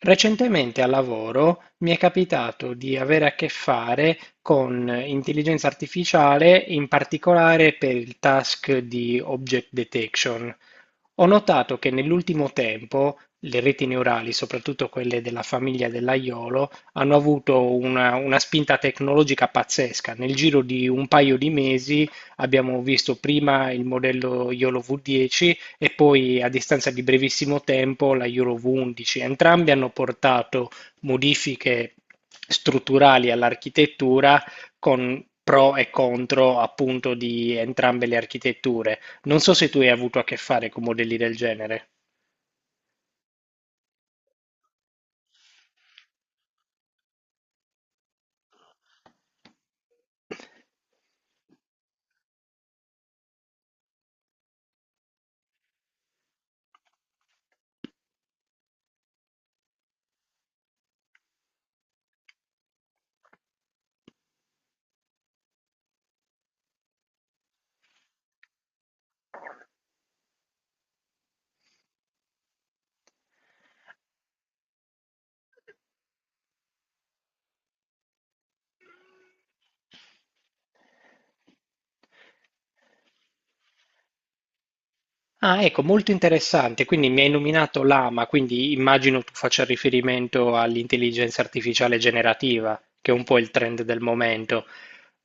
Recentemente al lavoro mi è capitato di avere a che fare con intelligenza artificiale, in particolare per il task di object detection. Ho notato che nell'ultimo tempo le reti neurali, soprattutto quelle della famiglia dell'aiolo, hanno avuto una spinta tecnologica pazzesca. Nel giro di un paio di mesi abbiamo visto prima il modello YOLO V10 e poi a distanza di brevissimo tempo la Euro V11. Entrambi hanno portato modifiche strutturali all'architettura con pro e contro appunto di entrambe le architetture. Non so se tu hai avuto a che fare con modelli del genere. Ah, ecco, molto interessante. Quindi mi hai nominato l'AMA, quindi immagino tu faccia riferimento all'intelligenza artificiale generativa, che è un po' il trend del momento.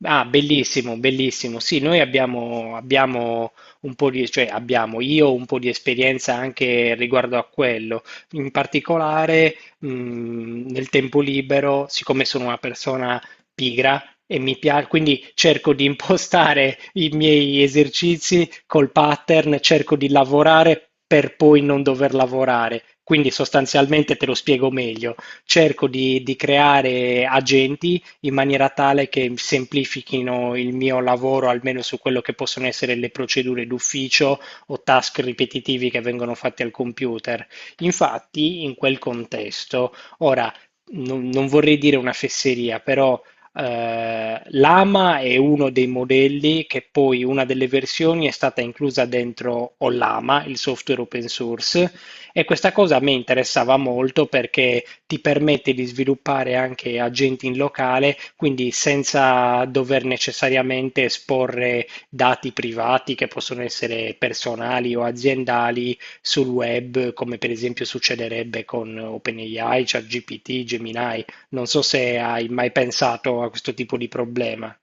Ah, bellissimo, bellissimo. Sì, noi abbiamo un po' di, cioè abbiamo io un po' di esperienza anche riguardo a quello. In particolare, nel tempo libero, siccome sono una persona pigra e mi piace, quindi cerco di impostare i miei esercizi col pattern, cerco di lavorare per poi non dover lavorare. Quindi sostanzialmente te lo spiego meglio. Cerco di creare agenti in maniera tale che semplifichino il mio lavoro, almeno su quello che possono essere le procedure d'ufficio o task ripetitivi che vengono fatti al computer. Infatti, in quel contesto, ora non vorrei dire una fesseria, però l'AMA è uno dei modelli che poi una delle versioni è stata inclusa dentro Ollama, il software open source, e questa cosa a me interessava molto perché ti permette di sviluppare anche agenti in locale, quindi senza dover necessariamente esporre dati privati che possono essere personali o aziendali sul web, come per esempio succederebbe con OpenAI, ChatGPT, Gemini. Non so se hai mai pensato a questo tipo di problema.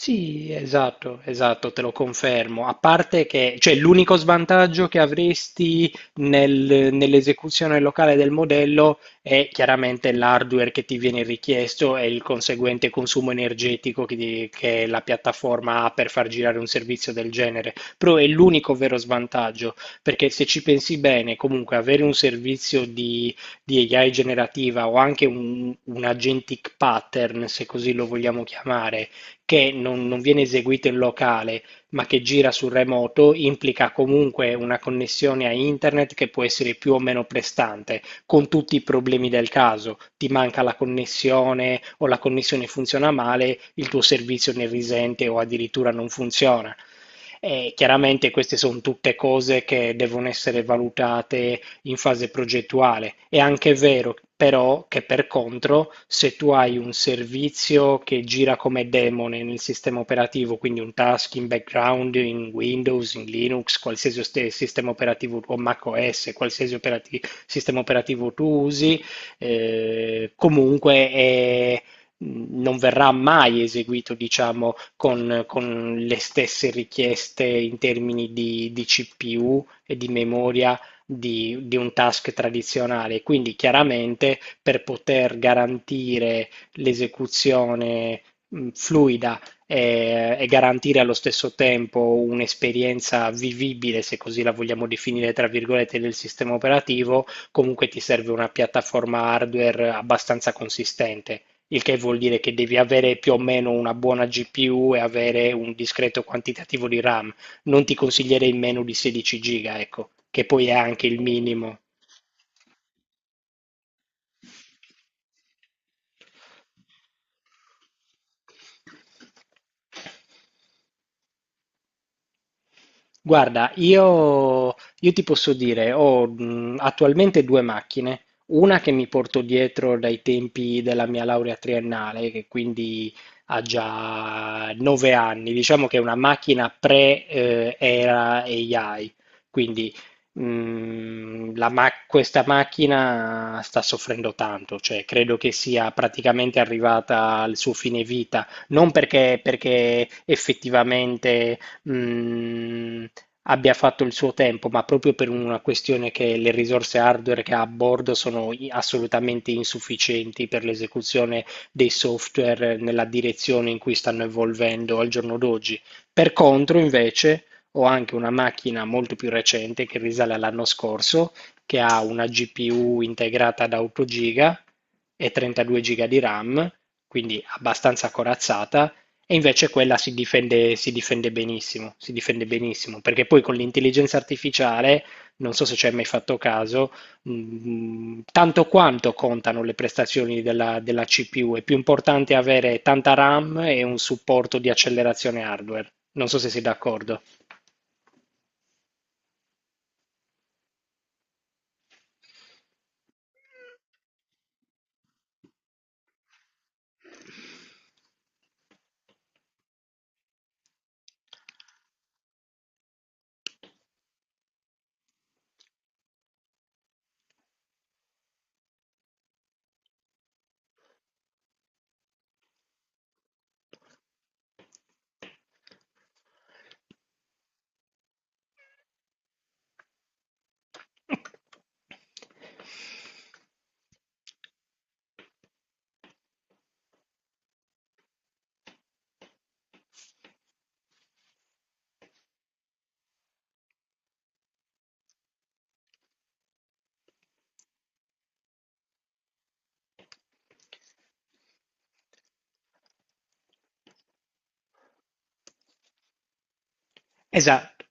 Sì, esatto, esatto, te lo confermo. A parte che, cioè, l'unico svantaggio che avresti nell'esecuzione locale del modello è chiaramente l'hardware che ti viene richiesto e il conseguente consumo energetico che, che la piattaforma ha per far girare un servizio del genere. Però è l'unico vero svantaggio, perché se ci pensi bene, comunque avere un servizio di AI generativa o anche un agentic pattern, se così lo vogliamo chiamare, che non viene eseguito in locale, ma che gira sul remoto, implica comunque una connessione a internet che può essere più o meno prestante, con tutti i problemi del caso. Ti manca la connessione o la connessione funziona male, il tuo servizio ne risente o addirittura non funziona. E chiaramente queste sono tutte cose che devono essere valutate in fase progettuale. È anche vero però che per contro, se tu hai un servizio che gira come demone nel sistema operativo, quindi un task in background, in Windows, in Linux, qualsiasi sistema operativo o macOS, qualsiasi sistema operativo tu usi, comunque non verrà mai eseguito, diciamo, con le stesse richieste in termini di CPU e di memoria di un task tradizionale. Quindi chiaramente per poter garantire l'esecuzione fluida e garantire allo stesso tempo un'esperienza vivibile, se così la vogliamo definire, tra virgolette, del sistema operativo, comunque ti serve una piattaforma hardware abbastanza consistente. Il che vuol dire che devi avere più o meno una buona GPU e avere un discreto quantitativo di RAM, non ti consiglierei meno di 16 giga, ecco, che poi è anche il minimo. Guarda, io ti posso dire, ho attualmente due macchine, una che mi porto dietro dai tempi della mia laurea triennale, che quindi ha già 9 anni, diciamo che è una macchina pre-era AI, quindi questa macchina sta soffrendo tanto, cioè credo che sia praticamente arrivata al suo fine vita, non perché effettivamente mh, abbia fatto il suo tempo, ma proprio per una questione che le risorse hardware che ha a bordo sono assolutamente insufficienti per l'esecuzione dei software nella direzione in cui stanno evolvendo al giorno d'oggi. Per contro, invece, ho anche una macchina molto più recente che risale all'anno scorso, che ha una GPU integrata da 8 GB e 32 GB di RAM, quindi abbastanza corazzata, e invece quella si difende benissimo, perché poi con l'intelligenza artificiale, non so se ci hai mai fatto caso, tanto quanto contano le prestazioni della CPU, è più importante avere tanta RAM e un supporto di accelerazione hardware. Non so se sei d'accordo. Esatto.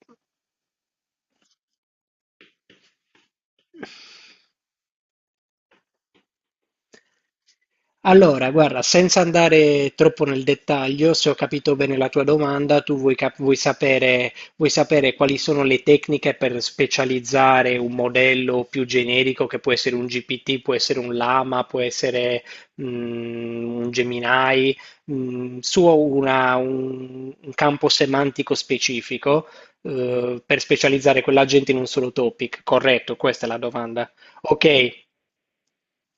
Allora, guarda, senza andare troppo nel dettaglio, se ho capito bene la tua domanda, tu vuoi sapere quali sono le tecniche per specializzare un modello più generico che può essere un GPT, può essere un Lama, può essere un Gemini, un campo semantico specifico, per specializzare quell'agente in un solo topic. Corretto, questa è la domanda. Ok.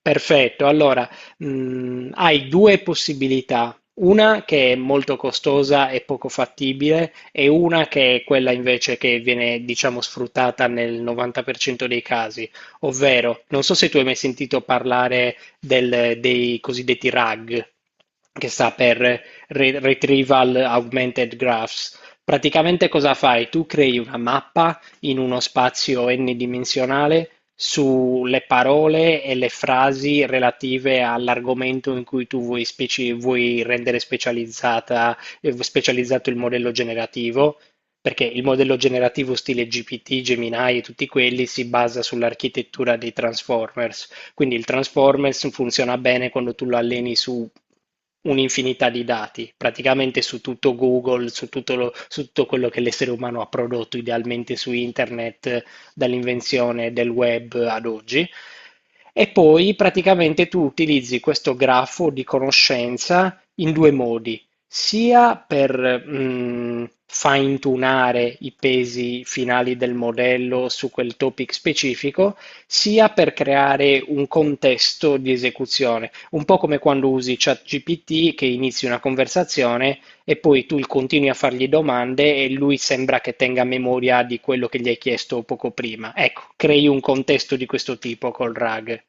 Perfetto, allora, hai due possibilità, una che è molto costosa e poco fattibile e una che è quella invece che viene, diciamo, sfruttata nel 90% dei casi, ovvero, non so se tu hai mai sentito parlare dei cosiddetti RAG, che sta per Retrieval Augmented Graphs. Praticamente cosa fai? Tu crei una mappa in uno spazio n-dimensionale sulle parole e le frasi relative all'argomento in cui tu vuoi rendere specializzata, specializzato il modello generativo, perché il modello generativo stile GPT, Gemini e tutti quelli si basa sull'architettura dei Transformers. Quindi il Transformers funziona bene quando tu lo alleni su un'infinità di dati, praticamente su tutto Google, su tutto quello che l'essere umano ha prodotto idealmente su internet, dall'invenzione del web ad oggi. E poi praticamente tu utilizzi questo grafo di conoscenza in due modi, sia per fine-tunare i pesi finali del modello su quel topic specifico, sia per creare un contesto di esecuzione, un po' come quando usi ChatGPT che inizi una conversazione e poi tu continui a fargli domande e lui sembra che tenga memoria di quello che gli hai chiesto poco prima. Ecco, crei un contesto di questo tipo col RAG.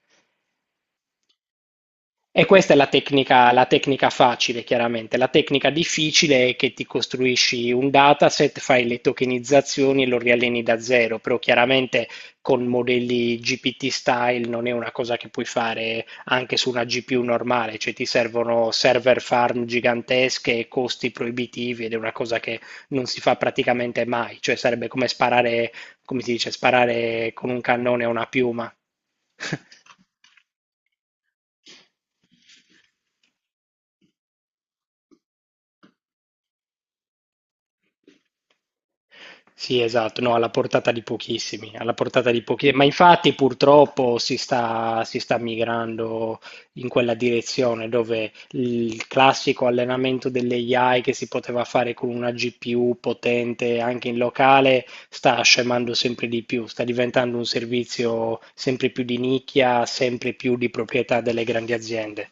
E questa è la tecnica facile, chiaramente. La tecnica difficile è che ti costruisci un dataset, fai le tokenizzazioni e lo rialleni da zero, però chiaramente con modelli GPT style non è una cosa che puoi fare anche su una GPU normale, cioè ti servono server farm gigantesche e costi proibitivi ed è una cosa che non si fa praticamente mai, cioè sarebbe come sparare, come si dice, sparare con un cannone a una piuma. Sì, esatto, no, alla portata di pochissimi, alla portata di pochi, ma infatti purtroppo si sta migrando in quella direzione dove il classico allenamento delle AI che si poteva fare con una GPU potente anche in locale sta scemando sempre di più, sta diventando un servizio sempre più di nicchia, sempre più di proprietà delle grandi aziende.